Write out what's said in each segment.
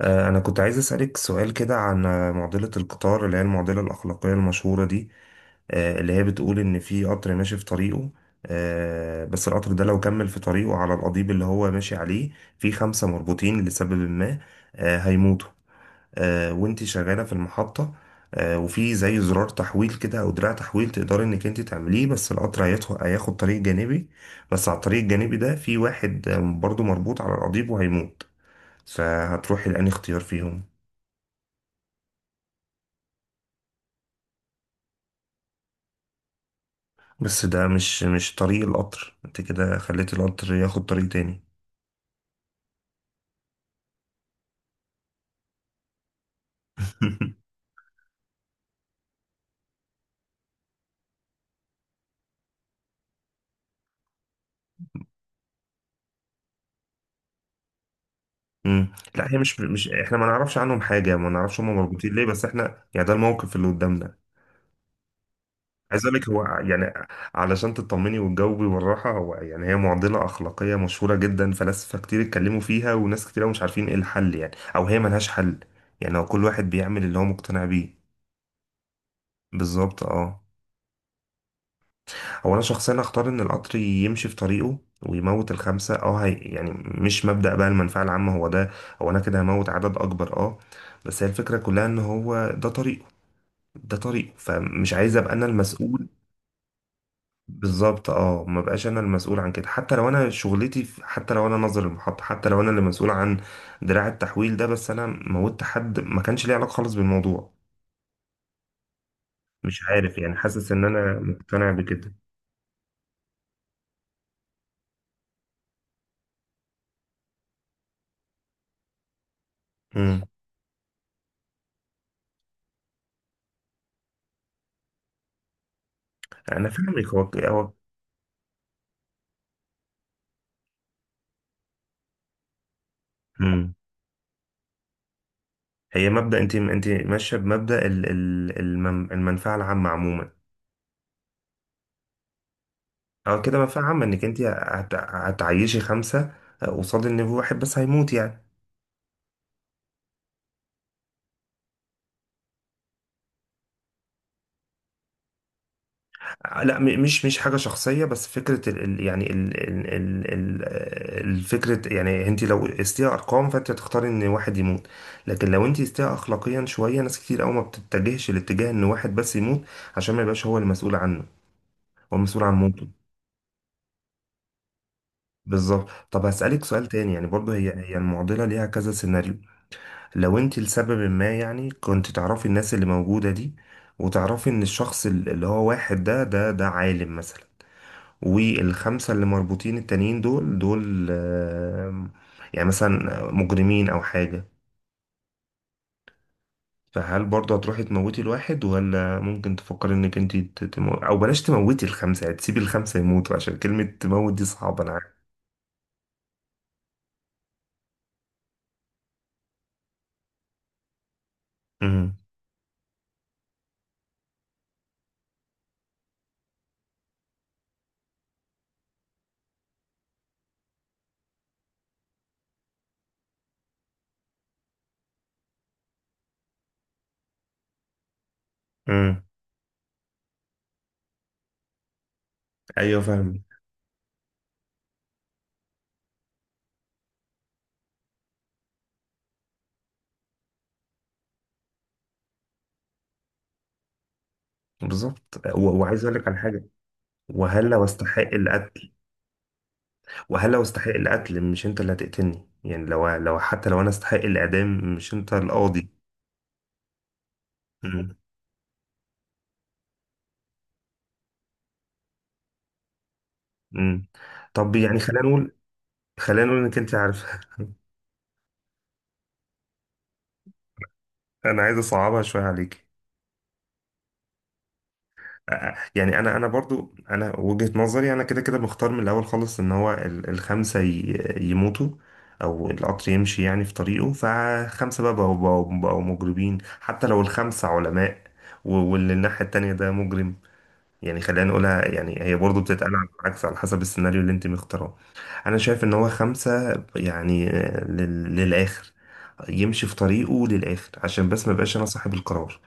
أنا كنت عايز أسألك سؤال كده عن معضلة القطار اللي هي المعضلة الأخلاقية المشهورة دي. اللي هي بتقول إن في قطر ماشي في طريقه. بس القطر ده لو كمل في طريقه على القضيب اللي هو ماشي عليه، في خمسة مربوطين لسبب ما هيموتوا. وإنتي شغالة في المحطة، وفي زي زرار تحويل كده أو دراع تحويل تقدري إنك إنتي تعمليه، بس القطر هياخد طريق جانبي. بس على الطريق الجانبي ده في واحد برضه مربوط على القضيب وهيموت. فهتروحي لأنهي اختيار فيهم؟ بس ده مش طريق القطر، انت كده خليت القطر ياخد طريق تاني. مم. لا، هي مش احنا ما نعرفش عنهم حاجة، ما نعرفش هم مربوطين ليه، بس احنا يعني ده الموقف اللي قدامنا. عايز اقول لك هو يعني علشان تطمني وتجاوبي بالراحة، هو يعني هي معضلة أخلاقية مشهورة جدا، فلاسفة كتير اتكلموا فيها وناس كتير أوي مش عارفين ايه الحل يعني، او هي ملهاش حل. يعني هو كل واحد بيعمل اللي هو مقتنع بيه. بالظبط اه. هو انا شخصيا اختار ان القطر يمشي في طريقه ويموت الخمسه، اه هي يعني مش مبدأ بقى المنفعه العامه هو ده. هو انا كده هموت عدد اكبر، اه. بس هي الفكره كلها ان هو ده طريقه. ده طريقه فمش عايز ابقى انا المسؤول. بالظبط اه، ما بقاش انا المسؤول عن كده، حتى لو انا حتى لو انا ناظر المحطه، حتى لو انا اللي مسؤول عن دراع التحويل ده، بس انا موتت حد ما كانش ليه علاقه خالص بالموضوع. مش عارف يعني حاسس ان انا مقتنع بكده. امم. انا فاهمك. هو هو هي مبدأ انت ماشيه بمبدأ المنفعه العامه عموما. او كده منفعه عامه، انك انت هتعيشي خمسه قصاد ان في واحد بس هيموت يعني. لا، مش حاجه شخصيه، بس فكره يعني الفكره يعني انت لو قستيها ارقام فانت هتختاري ان واحد يموت. لكن لو انت قستيها اخلاقيا شويه ناس كتير قوي ما بتتجهش الاتجاه ان واحد بس يموت عشان ما يبقاش هو المسؤول عنه، هو المسؤول عن موته. بالظبط. طب هسألك سؤال تاني، يعني برضه هي المعضلة ليها كذا سيناريو. لو انت لسبب ما يعني كنت تعرفي الناس اللي موجودة دي، وتعرفي ان الشخص اللي هو واحد ده عالم مثلا، والخمسة اللي مربوطين التانيين دول يعني مثلا مجرمين او حاجة. فهل برضه هتروحي تموتي الواحد، ولا ممكن تفكري انك انت او بلاش تموتي الخمسة يعني تسيبي الخمسة يموتوا، عشان كلمة تموت دي صعبة انا عارف. امم. امم. ايوه فاهم. بالظبط، وعايز اقول لك على حاجه. وهل لو استحق القتل. وهل لو استحق القتل مش انت اللي هتقتلني يعني، لو لو حتى لو انا استحق الاعدام مش انت القاضي. امم. امم. طب يعني خلينا نقول، خلينا نقول انك انت عارفه. انا عايز اصعبها شويه عليك. يعني انا برضو انا وجهة نظري انا كده كده مختار من الاول خالص، ان هو الخمسة يموتوا او القطر يمشي يعني في طريقه، فخمسة بقى بقوا مجرمين حتى لو الخمسة علماء. واللي الناحية التانية ده مجرم، يعني خلينا نقولها يعني هي برضو بتتقال على العكس على حسب السيناريو اللي انت مختاره. انا شايف ان هو خمسة يعني للاخر يمشي في طريقه للاخر، عشان بس ما بقاش انا صاحب القرار.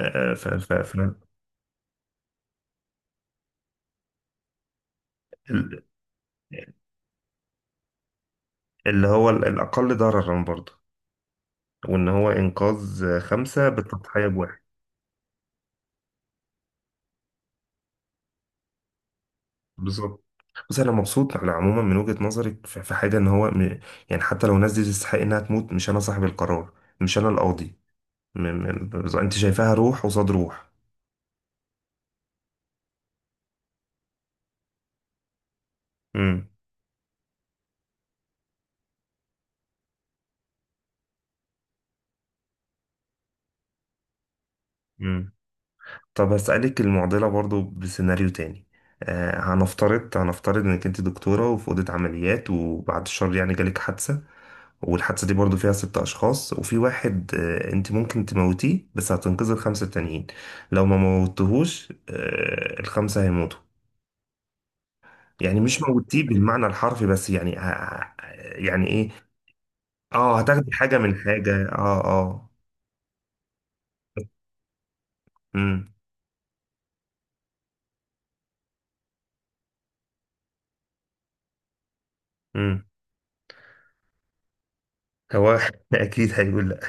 آه، ف ف ف اللي هو الأقل ضررا برضه، وإن هو إنقاذ خمسة بالتضحية بواحد. بالظبط. بس أنا مبسوط على عموما من وجهة نظرك، في حاجة إن هو يعني حتى لو الناس دي تستحق إنها تموت مش أنا صاحب القرار، مش أنا القاضي. أنت شايفاها روح قصاد روح؟ امم. امم. طب هسألك المعضلة برضه بسيناريو تاني. هنفترض إنك أنت دكتورة وفي أوضة عمليات وبعد الشر يعني جالك حادثة، والحادثة دي برضو فيها ست أشخاص، وفي واحد أنت ممكن تموتيه بس هتنقذي الخمسة التانيين. لو ما موتتهوش الخمسة هيموتوا. يعني مش موتيه بالمعنى الحرفي، بس يعني يعني إيه، آه هتاخدي حاجة من حاجة، آه آه. امم. امم. هو أكيد هيقول لأ.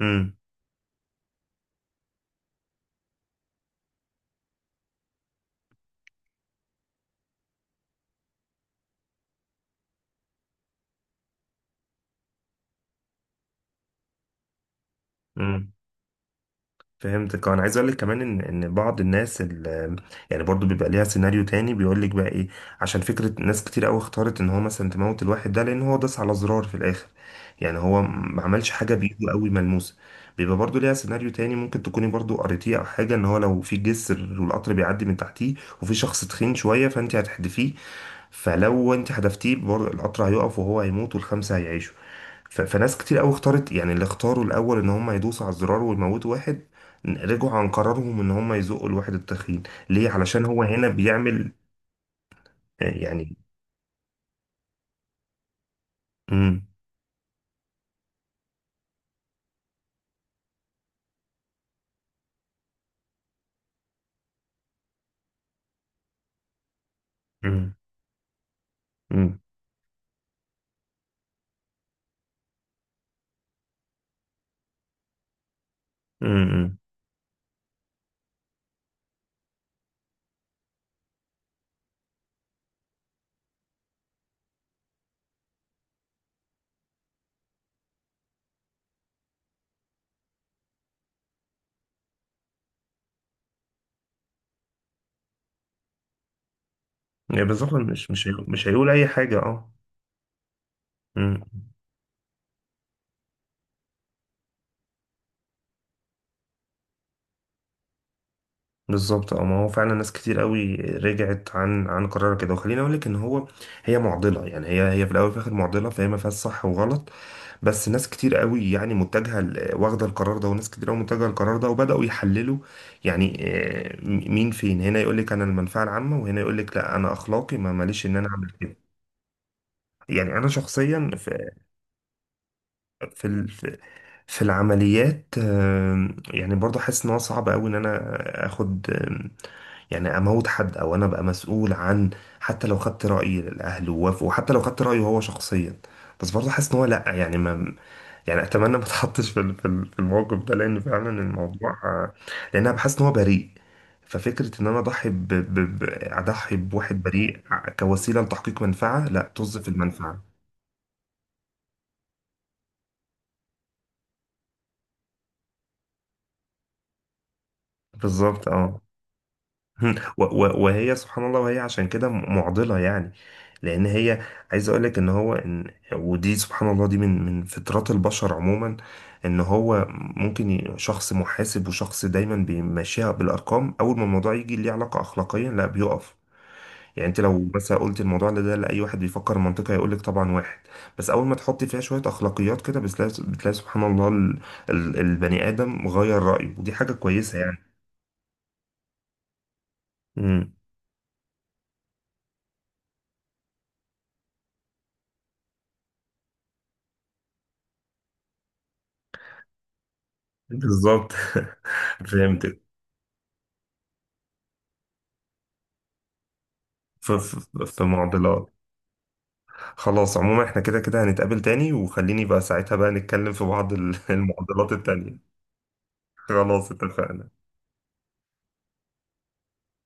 امم. فهمتك. انا عايز اقول لك كمان ان بعض الناس يعني برضو بيبقى ليها سيناريو تاني بيقول لك بقى ايه. عشان فكره ناس كتير قوي اختارت ان هو مثلا تموت الواحد ده لان هو داس على زرار في الاخر، يعني هو ما عملش حاجه بايده قوي ملموسه. بيبقى برضو ليها سيناريو تاني ممكن تكوني برضو قريتيه او حاجه، ان هو لو في جسر والقطر بيعدي من تحتيه وفي شخص تخين شويه، فانت هتحدفيه، فلو انت حدفتيه برضو القطر هيقف وهو هيموت والخمسه هيعيشوا. فناس كتير قوي اختارت يعني اللي اختاروا الاول ان هم يدوسوا على الزرار ويموتوا واحد، رجعوا عن قرارهم ان هم يزقوا الواحد التخين. ليه؟ علشان هو هنا بيعمل يعني. امم. امم. امم. امم. يعني بالظبط مش هيقول اي حاجه، اه. امم. بالظبط اه، ما هو فعلا ناس كتير قوي رجعت عن قرار كده. وخليني اقول لك ان هو هي معضله، يعني هي هي في الاول وفي الاخر معضله، فهي ما فيهاش صح وغلط. بس ناس كتير قوي يعني متجهه واخده القرار ده، وناس كتير قوي متجهه القرار ده، وبداوا يحللوا. يعني مين فين هنا يقول لك انا المنفعه العامه، وهنا يقول لك لا انا اخلاقي ما ماليش ان انا اعمل كده. يعني انا شخصيا في ال... في في العمليات يعني برضه حاسس ان هو صعب قوي ان انا اخد يعني اموت حد، او انا ابقى مسؤول عن، حتى لو خدت رأي الاهل ووافقوا وحتى لو خدت رأيه هو شخصيا، بس برضه حاسس ان هو لا يعني ما، يعني اتمنى ما اتحطش في الموقف ده، لان فعلا الموضوع لان انا بحس ان هو بريء. ففكرة ان انا اضحي ب... ب... ب... اضحي بواحد بريء كوسيلة لتحقيق منفعة، لا، طز في المنفعة. بالظبط اه. مم. وهي سبحان الله، وهي عشان كده معضلة يعني، لأن هي. عايز أقول لك إن هو إن ودي سبحان الله دي من فطرات البشر عموما، إن هو ممكن شخص محاسب وشخص دايما بيمشيها بالأرقام، أول ما الموضوع يجي ليه علاقة أخلاقيا لا بيقف. يعني أنت لو بس قلت الموضوع ده لأي واحد بيفكر منطقي هيقول لك طبعا واحد، بس أول ما تحط فيها شوية أخلاقيات كده بتلاقي بتلاقي سبحان الله البني آدم غير رأيه، ودي حاجة كويسة يعني. مم. بالظبط. فهمتك. في في معضلات. خلاص عموما احنا كده كده هنتقابل تاني وخليني بقى ساعتها بقى نتكلم في بعض المعضلات التانية. خلاص اتفقنا.